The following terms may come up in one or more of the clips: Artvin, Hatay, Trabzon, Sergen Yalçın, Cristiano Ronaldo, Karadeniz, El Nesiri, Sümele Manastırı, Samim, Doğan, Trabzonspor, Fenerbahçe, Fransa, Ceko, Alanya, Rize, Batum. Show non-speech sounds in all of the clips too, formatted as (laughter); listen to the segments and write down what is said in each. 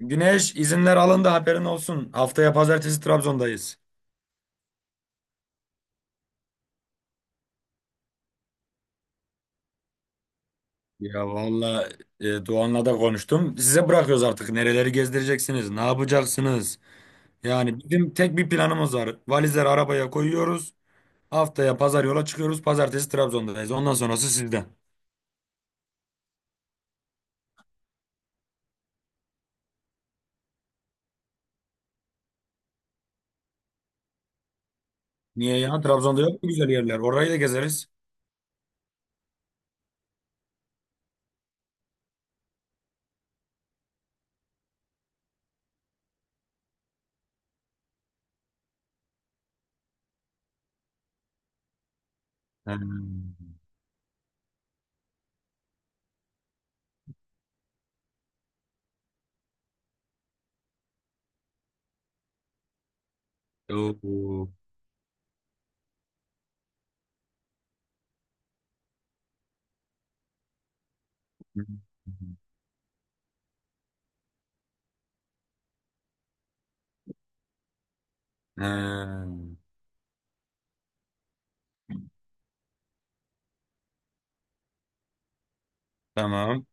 Güneş izinler alındı haberin olsun. Haftaya pazartesi Trabzon'dayız. Ya valla Doğan'la da konuştum. Size bırakıyoruz artık. Nereleri gezdireceksiniz? Ne yapacaksınız? Yani bizim tek bir planımız var. Valizleri arabaya koyuyoruz. Haftaya pazar yola çıkıyoruz. Pazartesi Trabzon'dayız. Ondan sonrası sizden. Niye ya? Trabzon'da yok mu güzel yerler? Orayı da gezeriz. Hmm. Oo. Hmm. Tamam.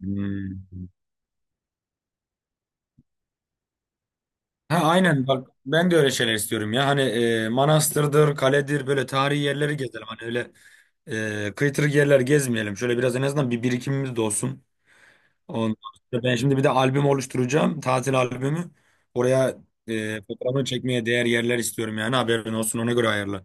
Hmm. Ha aynen bak ben de öyle şeyler istiyorum ya. Hani manastırdır, kaledir böyle tarihi yerleri gezelim. Hani öyle kıytırık yerler gezmeyelim. Şöyle biraz en azından bir birikimimiz de olsun. Ondan sonra ben şimdi bir de albüm oluşturacağım. Tatil albümü. Oraya fotoğrafını çekmeye değer yerler istiyorum yani haberin olsun ona göre ayarla.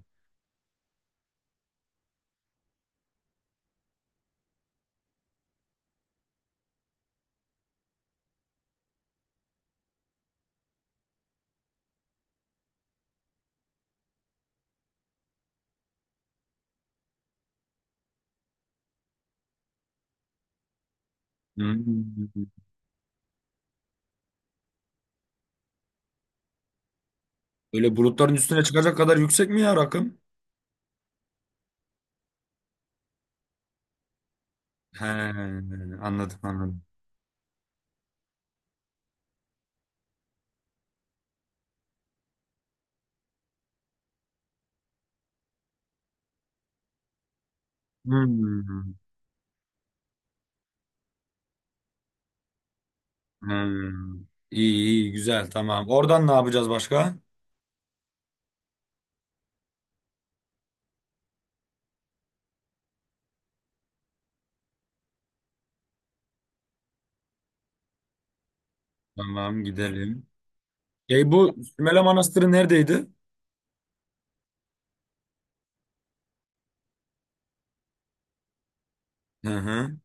Hmm. Öyle bulutların üstüne çıkacak kadar yüksek mi ya rakım? He, anladım. Hmm. Hmm. İyi iyi güzel tamam. Oradan ne yapacağız başka? Tamam gidelim. Ya bu Sümele Manastırı neredeydi? Hı hı.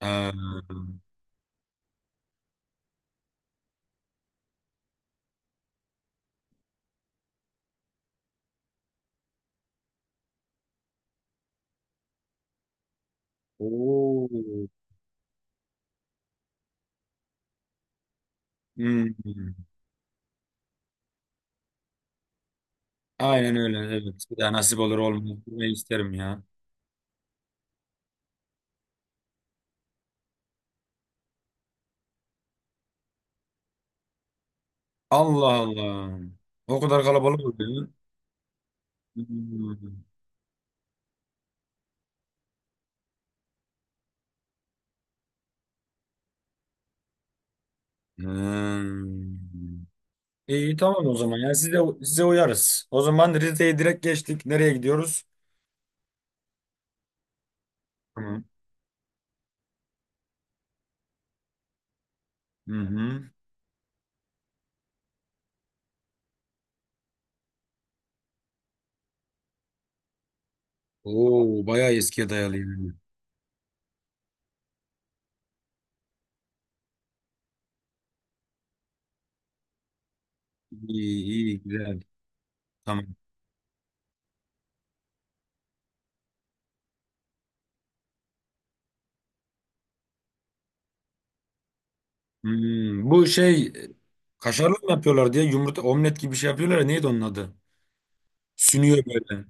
Ee, Oo. Hmm. Aynen öyle evet. Bir daha nasip olur olmaz. Gitmeyi isterim ya. Allah Allah. O kadar kalabalık oluyor. Hmm. Hmm. İyi tamam o zaman. Yani size uyarız. O zaman Rize'ye direkt geçtik. Nereye gidiyoruz? Tamam. Hı hı. Oo bayağı eskiye dayalı yani. İyi iyi güzel. Tamam. Hmm, bu şey kaşarlı mı yapıyorlar diye yumurta omlet gibi bir şey yapıyorlar ya neydi onun adı? Sünüyor böyle.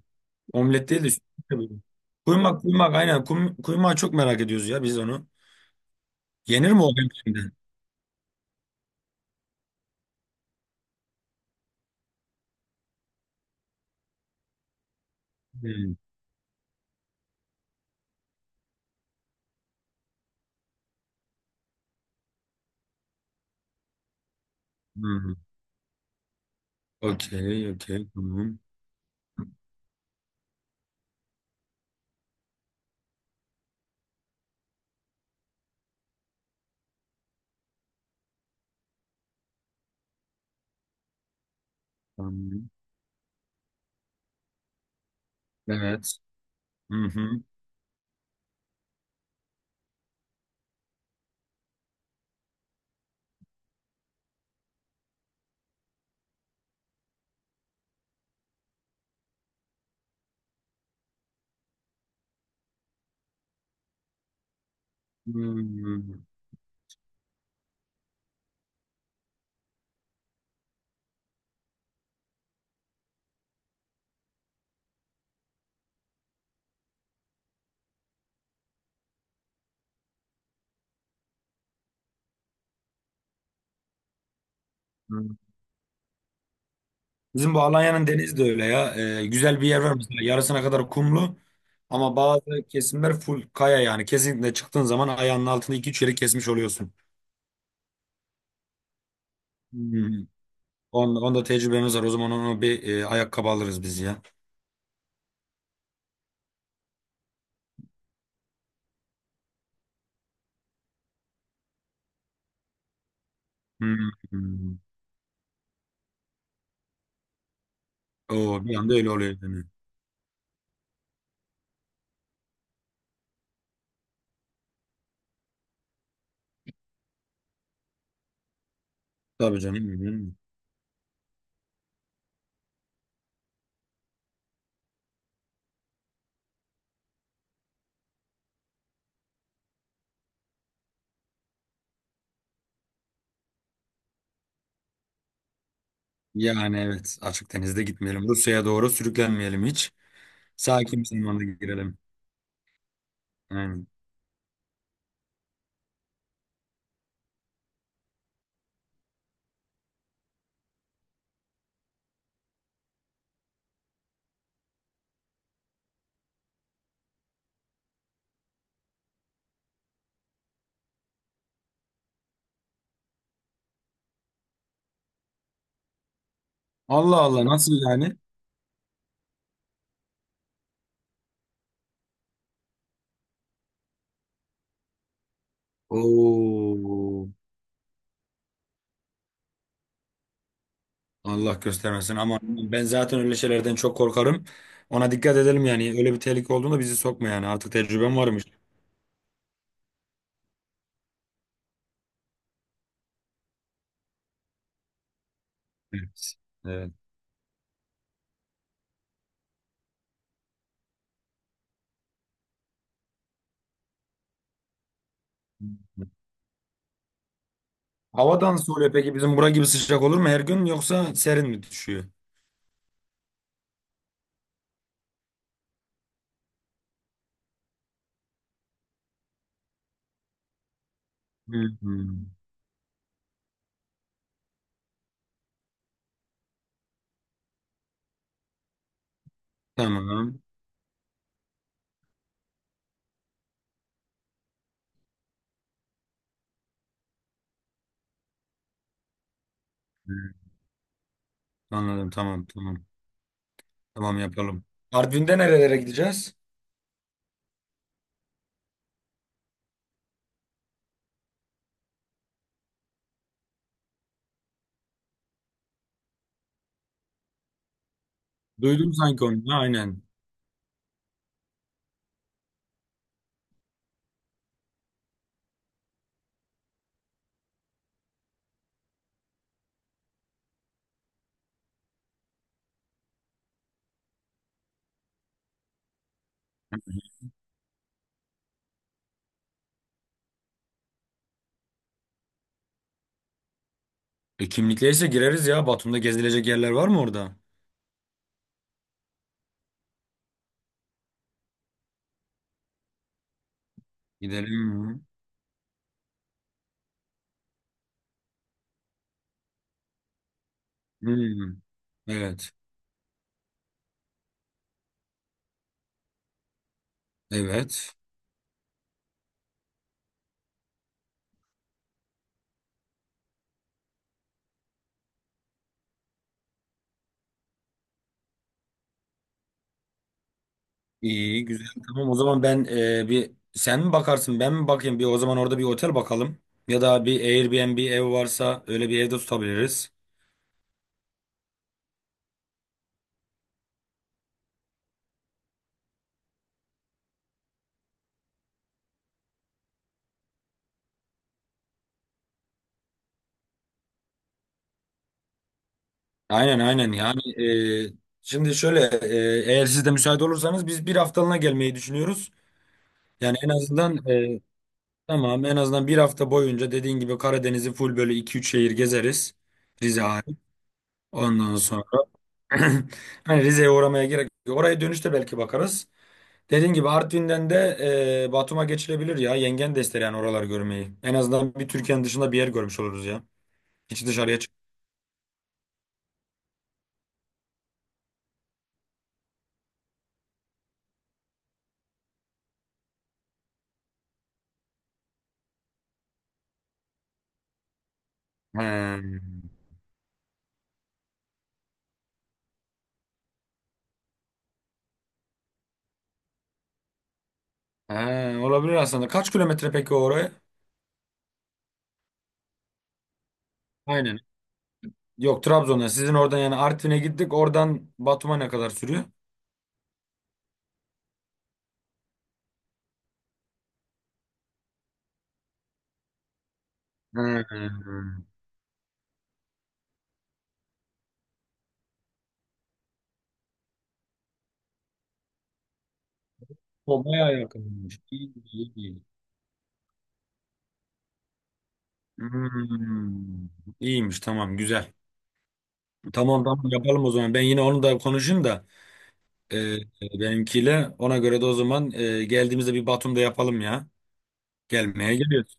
Omlet değil de sünüyor böyle. Kuymak kuymak aynen. Kuymağı çok merak ediyoruz ya biz onu. Yenir mi o hem şimdi? Hmm, hmm. Okey okey tamam. Tamam. Evet. Hı hı. Hmm, hı. Bizim bu Alanya'nın denizi de öyle ya. Güzel bir yer var mesela yarısına kadar kumlu. Ama bazı kesimler full kaya yani. Kesinlikle çıktığın zaman ayağının altında iki üç yeri kesmiş oluyorsun. Hmm. Onda tecrübemiz var. O zaman onu bir ayakkabı alırız biz ya. Hmm. Oo, bir anda öyle oluyor yani. Tabii canım. Hmm. Yani evet. Açık denizde gitmeyelim. Rusya'ya doğru sürüklenmeyelim hiç. Sakin bir zamanda girelim. Aynen. Allah Allah nasıl yani? Oo. Allah göstermesin ama ben zaten öyle şeylerden çok korkarım. Ona dikkat edelim yani. Öyle bir tehlike olduğunda bizi sokma yani. Artık tecrübem varmış. Evet. Evet. Havadan soruyor peki bizim bura gibi sıcak olur mu her gün yoksa serin mi düşüyor? Hı hı. Tamam. Hı. Anladım tamam tamam. Tamam yapalım. Artvin'de nerelere gideceğiz? Duydum sanki onu. Ha, aynen. E, kimlikleyse gireriz ya. Batum'da gezilecek yerler var mı orada? Gidelim mi? Hmm. Evet. Evet. İyi güzel. Tamam o zaman ben bir sen mi bakarsın ben mi bakayım? Bir o zaman orada bir otel bakalım. Ya da bir Airbnb ev varsa öyle bir evde tutabiliriz. Aynen aynen yani e, şimdi şöyle eğer siz de müsait olursanız biz bir haftalığına gelmeyi düşünüyoruz. Yani en azından tamam en azından bir hafta boyunca dediğin gibi Karadeniz'i full böyle iki üç şehir gezeriz. Rize hariç. Ondan sonra (clears throat) hani Rize'ye uğramaya gerek yok. Oraya dönüşte belki bakarız. Dediğin gibi Artvin'den de Batum'a geçilebilir ya. Yengen de ister yani oraları görmeyi. En azından bir Türkiye'nin dışında bir yer görmüş oluruz ya. Hiç dışarıya çık. He. He, olabilir aslında. Kaç kilometre peki oraya? Aynen. Yok Trabzon'a. Sizin oradan yani Artvin'e gittik. Oradan Batum'a ne kadar sürüyor? Hmm. O bayağı yakınmış. İyi, iyi, iyi. Hmm. İyiymiş tamam güzel. Tamam tamam yapalım o zaman. Ben yine onu da konuşayım da e, e, benimkiyle. Ona göre de o zaman geldiğimizde bir Batum'da yapalım ya. Gelmeye geliyoruz.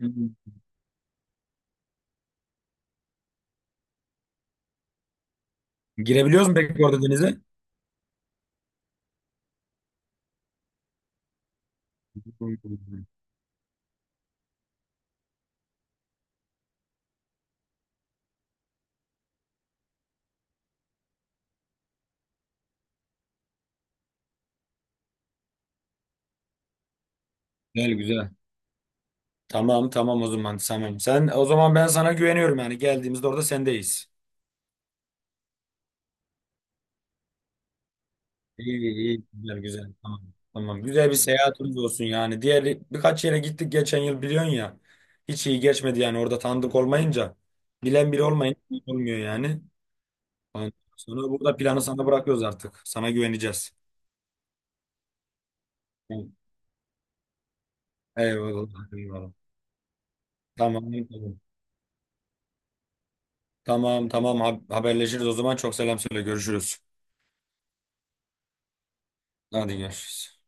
Hı hı. Girebiliyoruz mu peki orada denize? (laughs) Hı hı. Güzel güzel. Tamam tamam o zaman Samim. Sen o zaman ben sana güveniyorum yani geldiğimizde orada sendeyiz. İyi, iyi, güzel, güzel. Tamam, tamam. Güzel bir seyahatimiz olsun yani. Diğer birkaç yere gittik geçen yıl biliyorsun ya. Hiç iyi geçmedi yani orada tanıdık olmayınca. Bilen biri olmayınca iyi olmuyor yani. Ondan sonra burada planı sana bırakıyoruz artık. Sana güveneceğiz. Tamam. Eyvallah, eyvallah. Tamam, tamam. Tamam, tamam. Ha- Haberleşiriz o zaman. Çok selam söyle. Görüşürüz. Hadi görüşürüz.